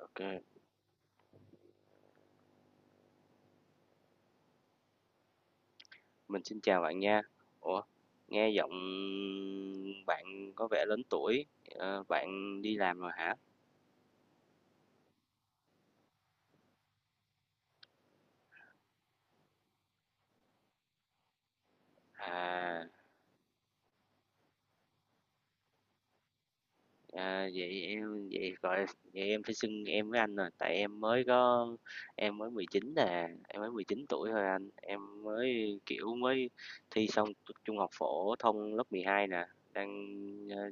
OK, mình xin chào bạn nha. Ủa, nghe giọng bạn có vẻ lớn tuổi, bạn đi làm rồi hả? À, à vậy em vậy gọi vậy em phải xưng em với anh rồi, tại em mới có em mới 19 nè, em mới 19 tuổi thôi anh, em mới kiểu mới thi xong trung học phổ thông lớp 12 nè, đang ờ,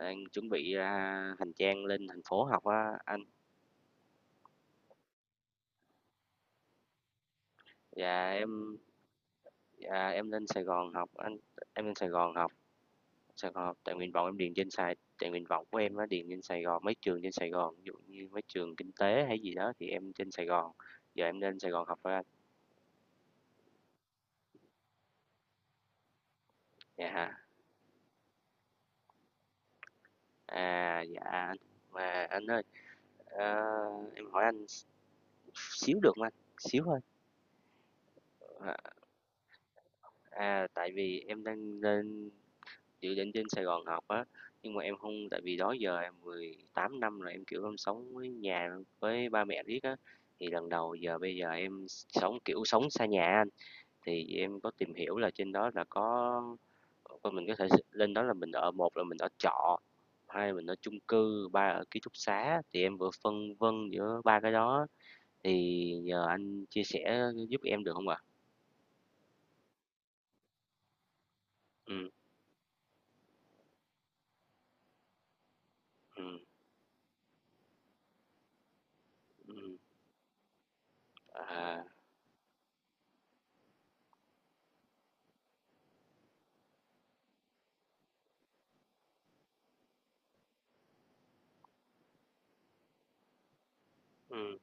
đang chuẩn bị ra hành trang lên thành phố học á anh. Dạ em Dạ, em lên Sài Gòn học anh em lên Sài Gòn học tại nguyện vọng của em á điền trên Sài Gòn, mấy trường trên Sài Gòn ví dụ như mấy trường kinh tế hay gì đó, thì em trên Sài Gòn giờ em lên Sài Gòn học rồi anh. dạ dạ anh, mà anh ơi, ờ, em hỏi anh xíu được không anh, xíu thôi. À, à tại vì em đang dự định trên Sài Gòn học á, nhưng mà em không tại vì đó giờ em 18 năm rồi, em, kiểu, em sống với nhà với ba mẹ riết á, thì lần đầu giờ bây giờ em sống, kiểu, sống xa nhà anh, thì em có tìm hiểu là trên đó là có, coi mình có thể lên đó là mình ở, một là mình ở trọ, hai là mình ở chung cư, ba ở ký túc xá, thì em vừa phân vân giữa ba cái đó, thì nhờ anh chia sẻ giúp em được không ạ? Ừ. ừm, ừm, à, ừm,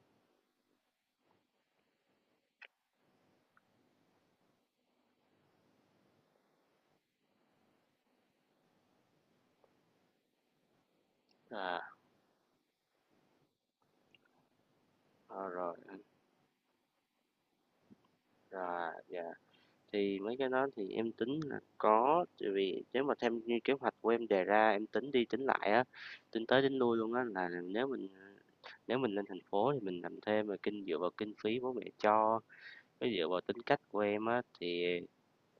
à, ờ, rồi anh, à, dạ. Thì mấy cái đó thì em tính là có, tại vì nếu mà thêm như kế hoạch của em đề ra, em tính đi tính lại á, tính tới tính lui luôn á, là nếu mình lên thành phố thì mình làm thêm, mà dựa vào kinh phí bố mẹ cho với dựa vào tính cách của em á, thì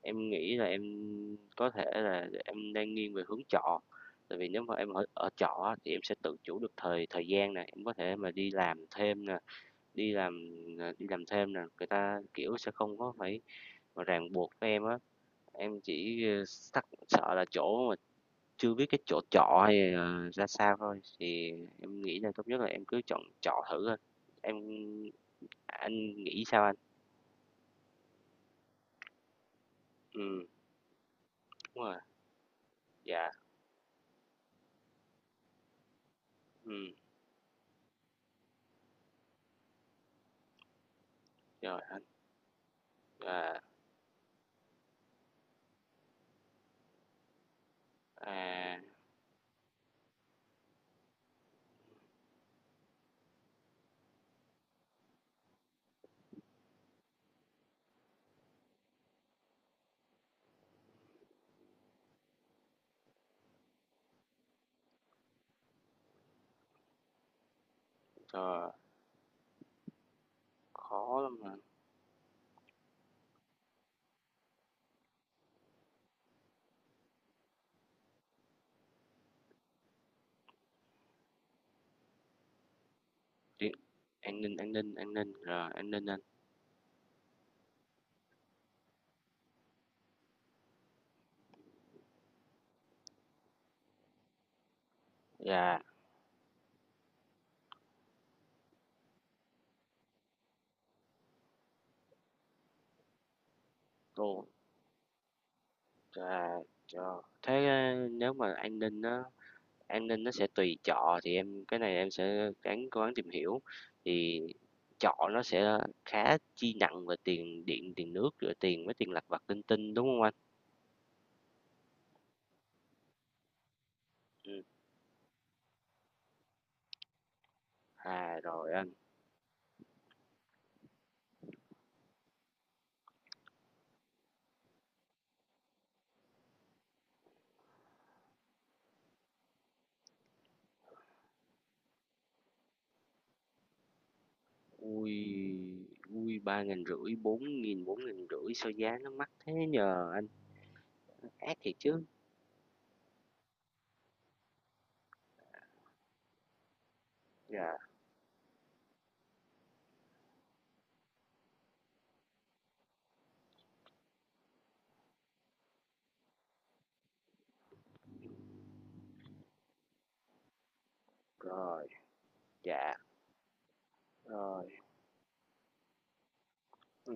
em nghĩ là em có thể là em đang nghiêng về hướng trọ. Tại vì nếu mà ở trọ á, thì em sẽ tự chủ được thời thời gian, này em có thể mà đi làm thêm nè, đi làm đi làm thêm nè, người ta kiểu sẽ không có phải mà ràng buộc với em á. Em chỉ, sắc sợ là chỗ mà chưa biết cái chỗ trọ hay là ra sao thôi, thì em nghĩ là tốt nhất là em cứ chọn trọ thử thôi. Em anh nghĩ sao anh? Ừm, đúng rồi. Dạ. Ừm, rồi anh. À, à, trời, khó lắm mà. Đi- An ninh, an ninh, an ninh, rồi an ninh anh. Dạ. Ồ, trời, trời. Thế nếu mà an ninh á, an ninh nó sẽ tùy trọ, thì em cái này em sẽ ráng cố gắng tìm hiểu. Thì trọ nó sẽ khá chi nặng về tiền điện tiền nước rồi tiền, với tiền lặt vặt linh tinh đúng không anh? Ừ. à rồi anh. ui, ba nghìn rưỡi, bốn nghìn, bốn nghìn rưỡi, sao giá nó mắc thế nhờ anh, ác thiệt chứ. dạ. rồi. dạ. rồi. Ừ.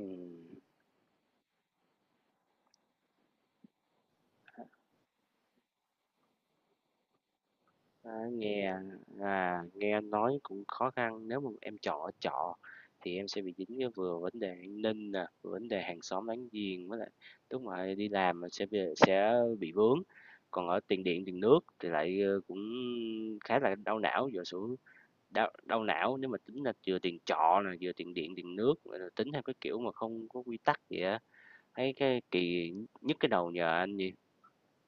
À, nghe nói cũng khó khăn, nếu mà em chọn ở trọ thì em sẽ bị dính với vừa vấn đề an ninh nè, vừa vấn đề hàng xóm láng giềng, với lại lúc mà đi làm mà sẽ sẽ bị vướng, còn ở tiền điện tiền nước thì lại cũng khá là đau não. Giờ xuống đau não nếu mà tính là vừa tiền trọ nè, vừa tiền điện tiền nước, rồi tính theo cái kiểu mà không có quy tắc vậy á, thấy cái kỳ, nhức cái đầu nhờ anh gì.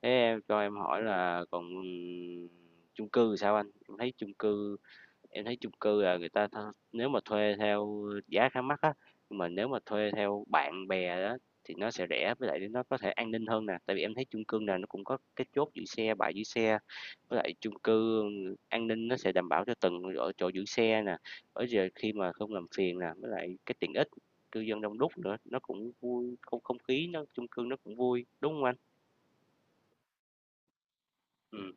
Thế em cho em hỏi là còn chung cư thì sao anh? Em thấy chung cư là người ta nếu mà thuê theo giá khá mắc á, nhưng mà nếu mà thuê theo bạn bè đó thì nó sẽ rẻ, với lại nó có thể an ninh hơn nè, tại vì em thấy chung cư nào nó cũng có cái chốt giữ xe, bãi giữ xe. Với lại chung cư an ninh nó sẽ đảm bảo cho từng ở chỗ giữ xe nè, ở giờ khi mà không làm phiền nè, với lại cái tiện ích, cư dân đông đúc nữa, nó cũng vui, không không khí nó chung cư nó cũng vui, đúng không anh? Ừ.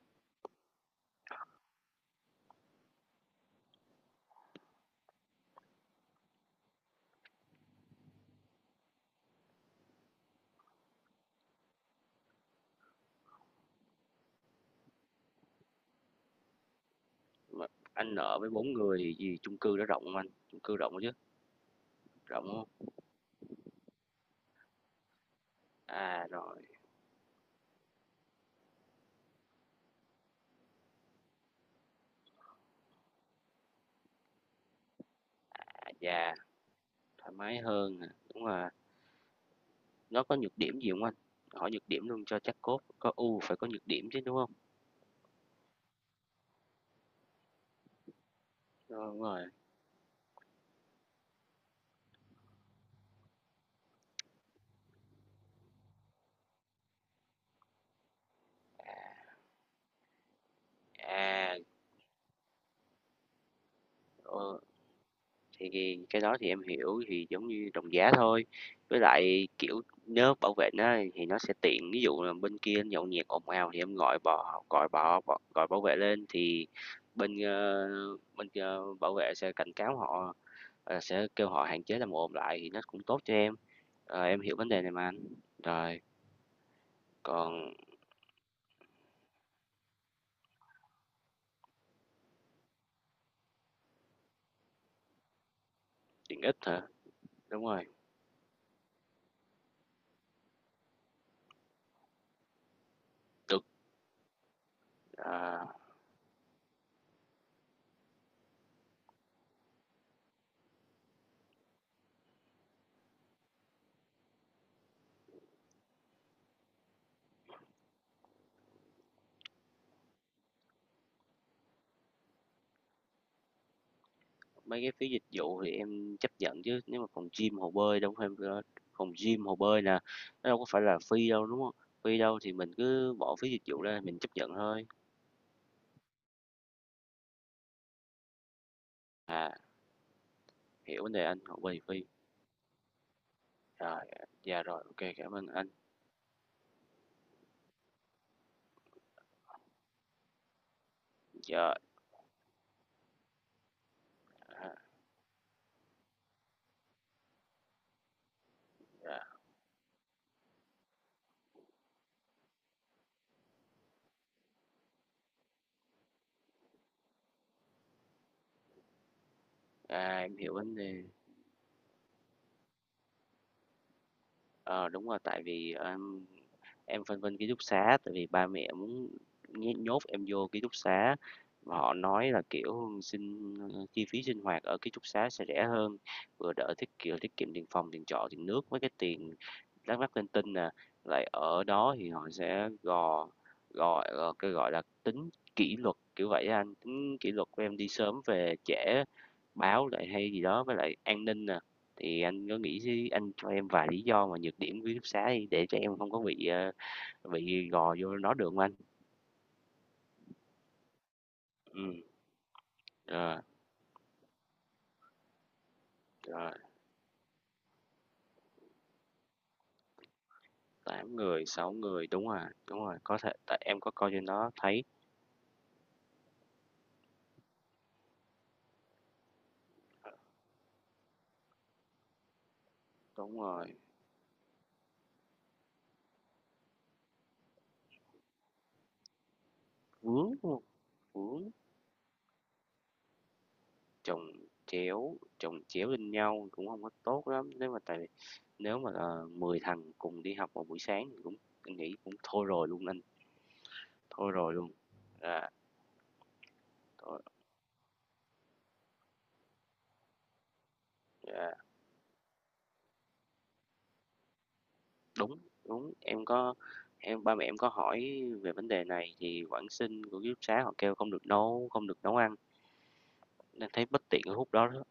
anh ở với 4 người gì chung cư đó rộng hông anh? Chung cư rộng chứ, rộng hông? À, rồi, à, chà, thoải mái hơn à, đúng rồi. Nó có nhược điểm gì không anh? Hỏi nhược điểm luôn cho chắc cốt, có ưu phải có nhược điểm chứ, đúng không? Ờ, đúng rồi, à, ờ, thì cái đó thì em hiểu, thì giống như đồng giá thôi. Với lại, kiểu, nếu bảo vệ nó thì nó sẽ tiện, ví dụ là bên kia nhậu nhẹt ồn ào thì em gọi bò bọ gọi bảo vệ lên, thì bên, bên kia bảo vệ sẽ cảnh cáo họ. Ờ, sẽ kêu họ hạn chế làm ồn lại thì nó cũng tốt cho em. Ờ, em hiểu vấn đề này mà anh. Rồi, còn tiện ích hả? Đúng rồi, được. À, mấy cái phí dịch vụ thì em chấp nhận chứ. Nếu mà phòng gym, hồ bơi nè, nó đâu có phải là free đâu đúng không? Free đâu thì mình cứ bỏ phí dịch vụ ra mình chấp nhận thôi. À, hiểu vấn đề anh, hồ bơi thì free. Rồi, dạ rồi, ok, cảm ơn anh. Dạ, à, dạ. À, em hiểu vấn đề. Ờ, đúng rồi, tại vì, em phân vân ký túc xá, tại vì ba mẹ muốn nhé nhốt em vô ký túc xá, mà họ nói là, kiểu, chi phí sinh hoạt ở ký túc xá sẽ rẻ hơn, vừa đỡ tiết kiệm tiền phòng, tiền trọ, tiền nước, mấy cái tiền Đắk Lắk Tên Tinh nè, lại ở đó thì họ sẽ gọi, gọi là, tính kỷ luật, kiểu vậy á anh, tính kỷ luật của em đi sớm về trễ, báo lại hay gì đó, với lại an ninh nè. Thì anh có nghĩ xí anh cho em vài lý do mà nhược điểm ký túc xá đi, để cho em không có bị, bị gò vô nó được không anh? Ừ, rồi, rồi, 8 người, 6 người, đúng rồi, có thể tại em có coi trên đó thấy, đúng rồi, vướng, đúng hông? Vướng. Chồng chéo chồng chéo lên nhau cũng không có tốt lắm, nếu mà tại vì nếu mà, 10 thằng cùng đi học vào buổi sáng thì cũng anh nghĩ cũng thôi rồi luôn anh, thôi rồi luôn. À thôi. Dạ, đúng, đúng, em có ba mẹ em có hỏi về vấn đề này thì quản sinh của ký túc xá họ kêu không được nấu ăn, nên thấy bất tiện ở khúc đó đó.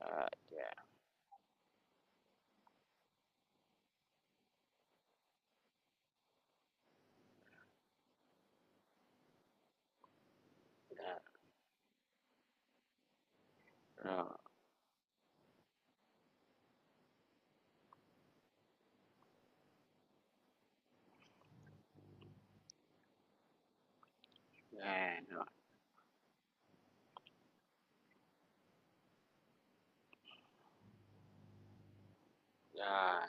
À dạ, dạ, rồi, dạ, rồi, rồi.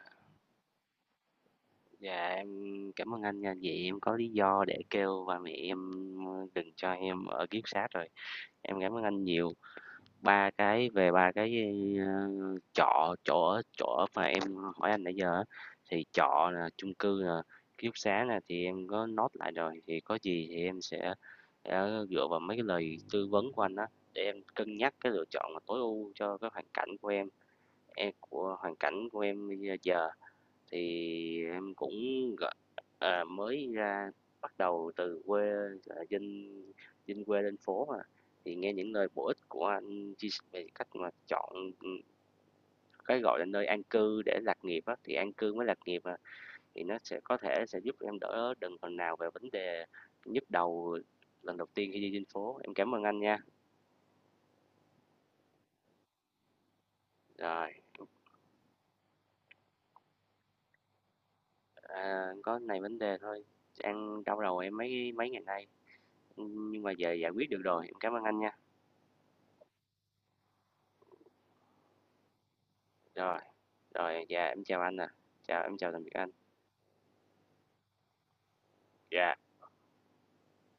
Dạ, em cảm ơn anh nha. Vậy em có lý do để kêu ba mẹ em, đừng cho em ở kiếp túc, rồi. Em cảm ơn anh nhiều. Ba cái, ơ, trọ chỗ ở mà em hỏi anh nãy giờ á, thì trọ là, chung cư là, ký túc xá nè, thì em có nốt lại rồi, thì có gì thì em sẽ dựa vào mấy cái lời tư vấn của anh á, để em cân nhắc cái lựa chọn mà tối ưu cho cái hoàn cảnh của em của hoàn cảnh của em bây giờ. Thì em cũng, à, mới ra bắt đầu từ quê, ờ, dân dân quê lên phố mà, thì nghe những lời bổ ích của anh chia sẻ về cách mà chọn, ừ, cái, gọi là, nơi an cư để lạc nghiệp á, thì an cư mới lạc nghiệp à, thì nó sẽ có thể sẽ giúp em đỡ đần phần nào về vấn đề nhức đầu lần đầu tiên khi đi trên phố. Em cảm ơn anh nha. Rồi, à, có này vấn đề thôi, đang đau đầu em mấy mấy ngày nay, nhưng mà giờ giải quyết được rồi. Em cảm ơn anh nha. Rồi. Rồi, dạ em chào anh ạ. À. Chào, em chào tạm biệt anh. Dạ.